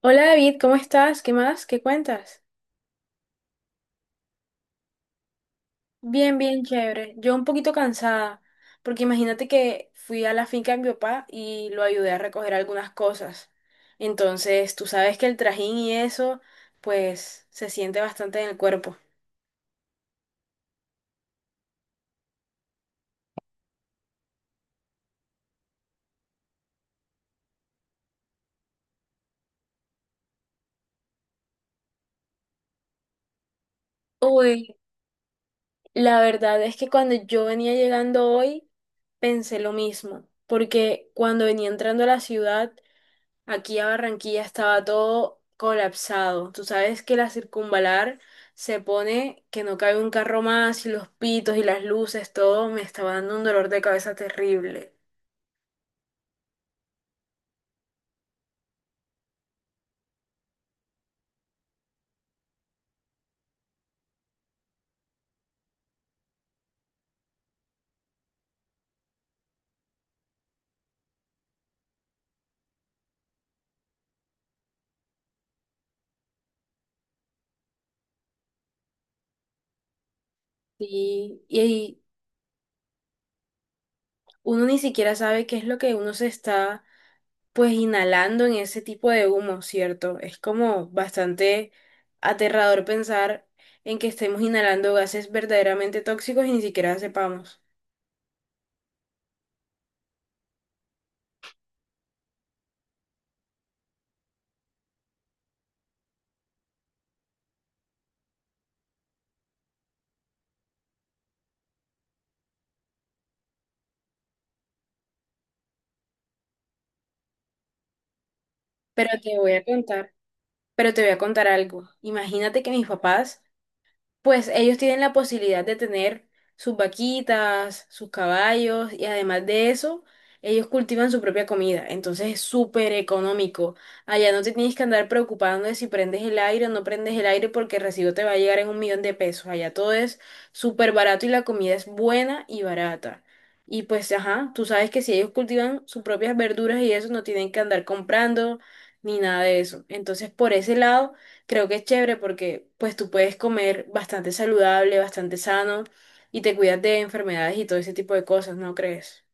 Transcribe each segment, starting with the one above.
Hola David, ¿cómo estás? ¿Qué más? ¿Qué cuentas? Bien, bien, chévere. Yo un poquito cansada, porque imagínate que fui a la finca de mi papá y lo ayudé a recoger algunas cosas. Entonces, tú sabes que el trajín y eso, pues, se siente bastante en el cuerpo. Uy, la verdad es que cuando yo venía llegando hoy, pensé lo mismo, porque cuando venía entrando a la ciudad, aquí a Barranquilla estaba todo colapsado. Tú sabes que la circunvalar se pone que no cabe un carro más y los pitos y las luces, todo me estaba dando un dolor de cabeza terrible. Y uno ni siquiera sabe qué es lo que uno se está pues inhalando en ese tipo de humo, ¿cierto? Es como bastante aterrador pensar en que estemos inhalando gases verdaderamente tóxicos y ni siquiera sepamos. Pero te voy a contar. Pero te voy a contar algo. Imagínate que mis papás, pues ellos tienen la posibilidad de tener sus vaquitas, sus caballos y además de eso, ellos cultivan su propia comida. Entonces es súper económico. Allá no te tienes que andar preocupando de si prendes el aire o no prendes el aire porque el recibo te va a llegar en 1 millón de pesos. Allá todo es súper barato y la comida es buena y barata. Y pues, ajá, tú sabes que si ellos cultivan sus propias verduras y eso, no tienen que andar comprando ni nada de eso. Entonces, por ese lado creo que es chévere porque pues tú puedes comer bastante saludable, bastante sano y te cuidas de enfermedades y todo ese tipo de cosas, ¿no crees?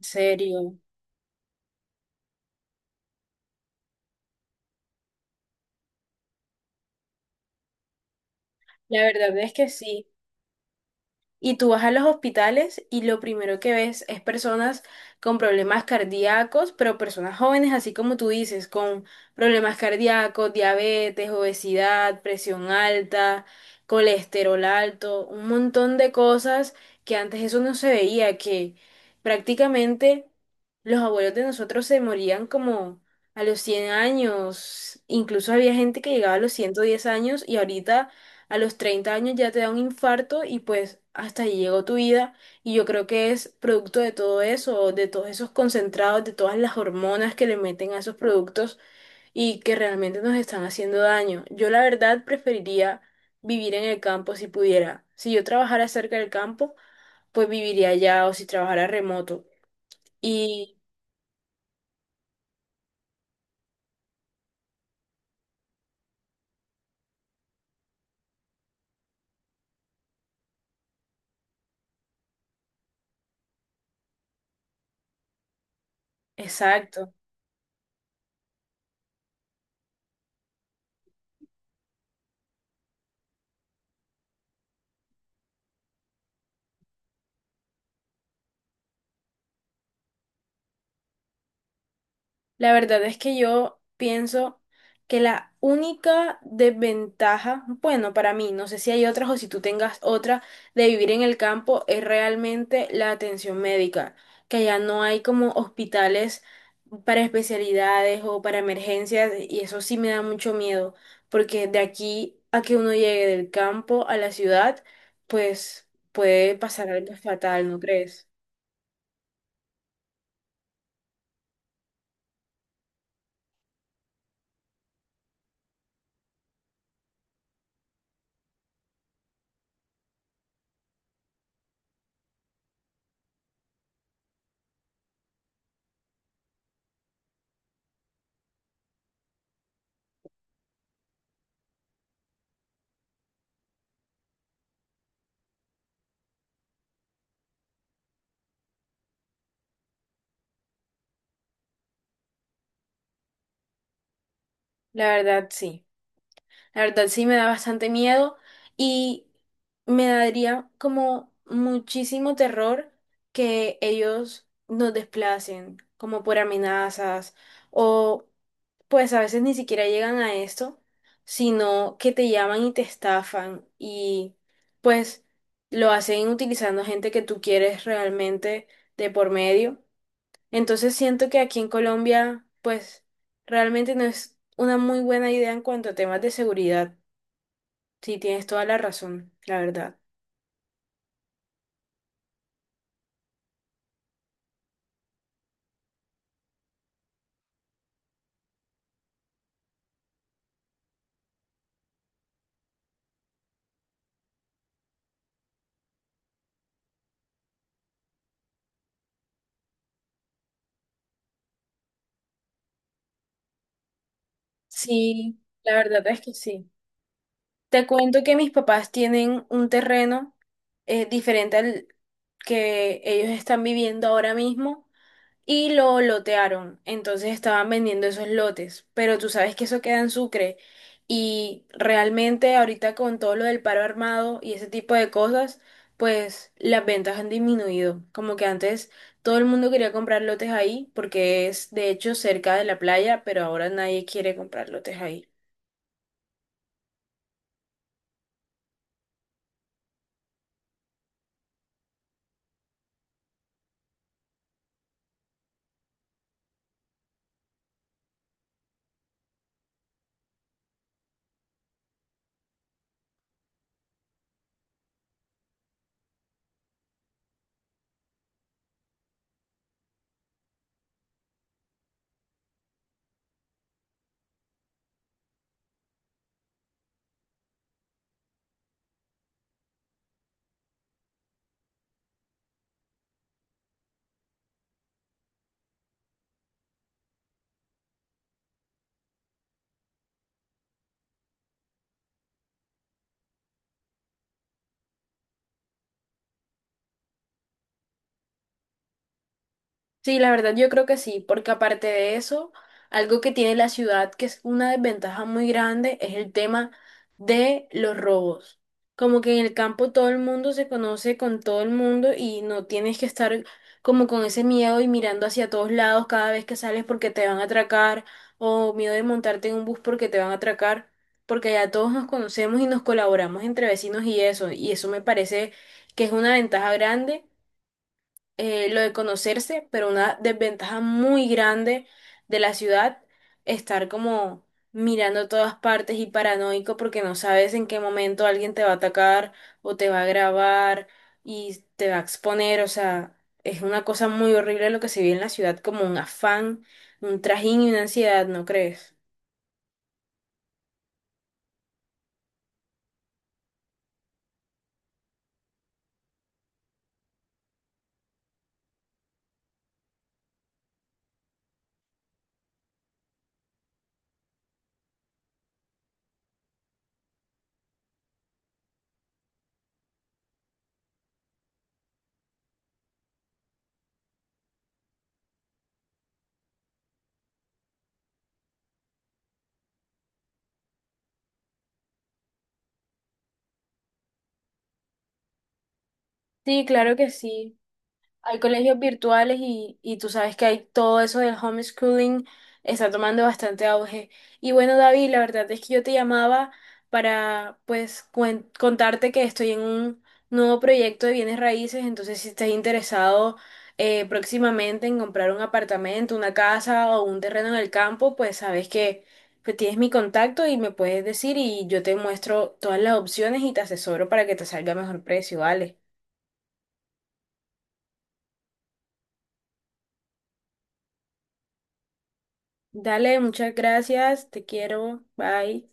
En serio. La verdad es que sí. Y tú vas a los hospitales y lo primero que ves es personas con problemas cardíacos, pero personas jóvenes, así como tú dices, con problemas cardíacos, diabetes, obesidad, presión alta, colesterol alto, un montón de cosas que antes eso no se veía, que prácticamente los abuelos de nosotros se morían como a los 100 años, incluso había gente que llegaba a los 110 años y ahorita... A los 30 años ya te da un infarto y pues hasta ahí llegó tu vida. Y yo creo que es producto de todo eso, de todos esos concentrados, de todas las hormonas que le meten a esos productos y que realmente nos están haciendo daño. Yo la verdad preferiría vivir en el campo si pudiera. Si yo trabajara cerca del campo, pues viviría allá o si trabajara remoto. Y exacto. La verdad es que yo pienso que la única desventaja, bueno, para mí, no sé si hay otras o si tú tengas otra, de vivir en el campo es realmente la atención médica, que allá no hay como hospitales para especialidades o para emergencias y eso sí me da mucho miedo, porque de aquí a que uno llegue del campo a la ciudad, pues puede pasar algo fatal, ¿no crees? La verdad, sí. La verdad sí me da bastante miedo y me daría como muchísimo terror que ellos nos desplacen, como por amenazas o pues a veces ni siquiera llegan a esto, sino que te llaman y te estafan y pues lo hacen utilizando gente que tú quieres realmente de por medio. Entonces siento que aquí en Colombia pues realmente no es una muy buena idea en cuanto a temas de seguridad. Sí, tienes toda la razón, la verdad. Sí, la verdad es que sí. Te cuento que mis papás tienen un terreno, diferente al que ellos están viviendo ahora mismo, y lo lotearon. Entonces estaban vendiendo esos lotes, pero tú sabes que eso queda en Sucre y realmente ahorita con todo lo del paro armado y ese tipo de cosas, pues las ventas han disminuido. Como que antes todo el mundo quería comprar lotes ahí porque es de hecho cerca de la playa, pero ahora nadie quiere comprar lotes ahí. Sí, la verdad yo creo que sí, porque aparte de eso, algo que tiene la ciudad que es una desventaja muy grande es el tema de los robos. Como que en el campo todo el mundo se conoce con todo el mundo y no tienes que estar como con ese miedo y mirando hacia todos lados cada vez que sales porque te van a atracar o miedo de montarte en un bus porque te van a atracar, porque ya todos nos conocemos y nos colaboramos entre vecinos y eso me parece que es una ventaja grande, lo de conocerse, pero una desventaja muy grande de la ciudad, estar como mirando todas partes y paranoico porque no sabes en qué momento alguien te va a atacar o te va a grabar y te va a exponer, o sea, es una cosa muy horrible lo que se vive en la ciudad, como un afán, un trajín y una ansiedad, ¿no crees? Sí, claro que sí. Hay colegios virtuales y tú sabes que hay todo eso del homeschooling, está tomando bastante auge. Y bueno, David, la verdad es que yo te llamaba para pues contarte que estoy en un nuevo proyecto de bienes raíces, entonces si estás interesado, próximamente en comprar un apartamento, una casa o un terreno en el campo, pues sabes que pues, tienes mi contacto y me puedes decir y yo te muestro todas las opciones y te asesoro para que te salga mejor precio, ¿vale? Dale, muchas gracias, te quiero, bye.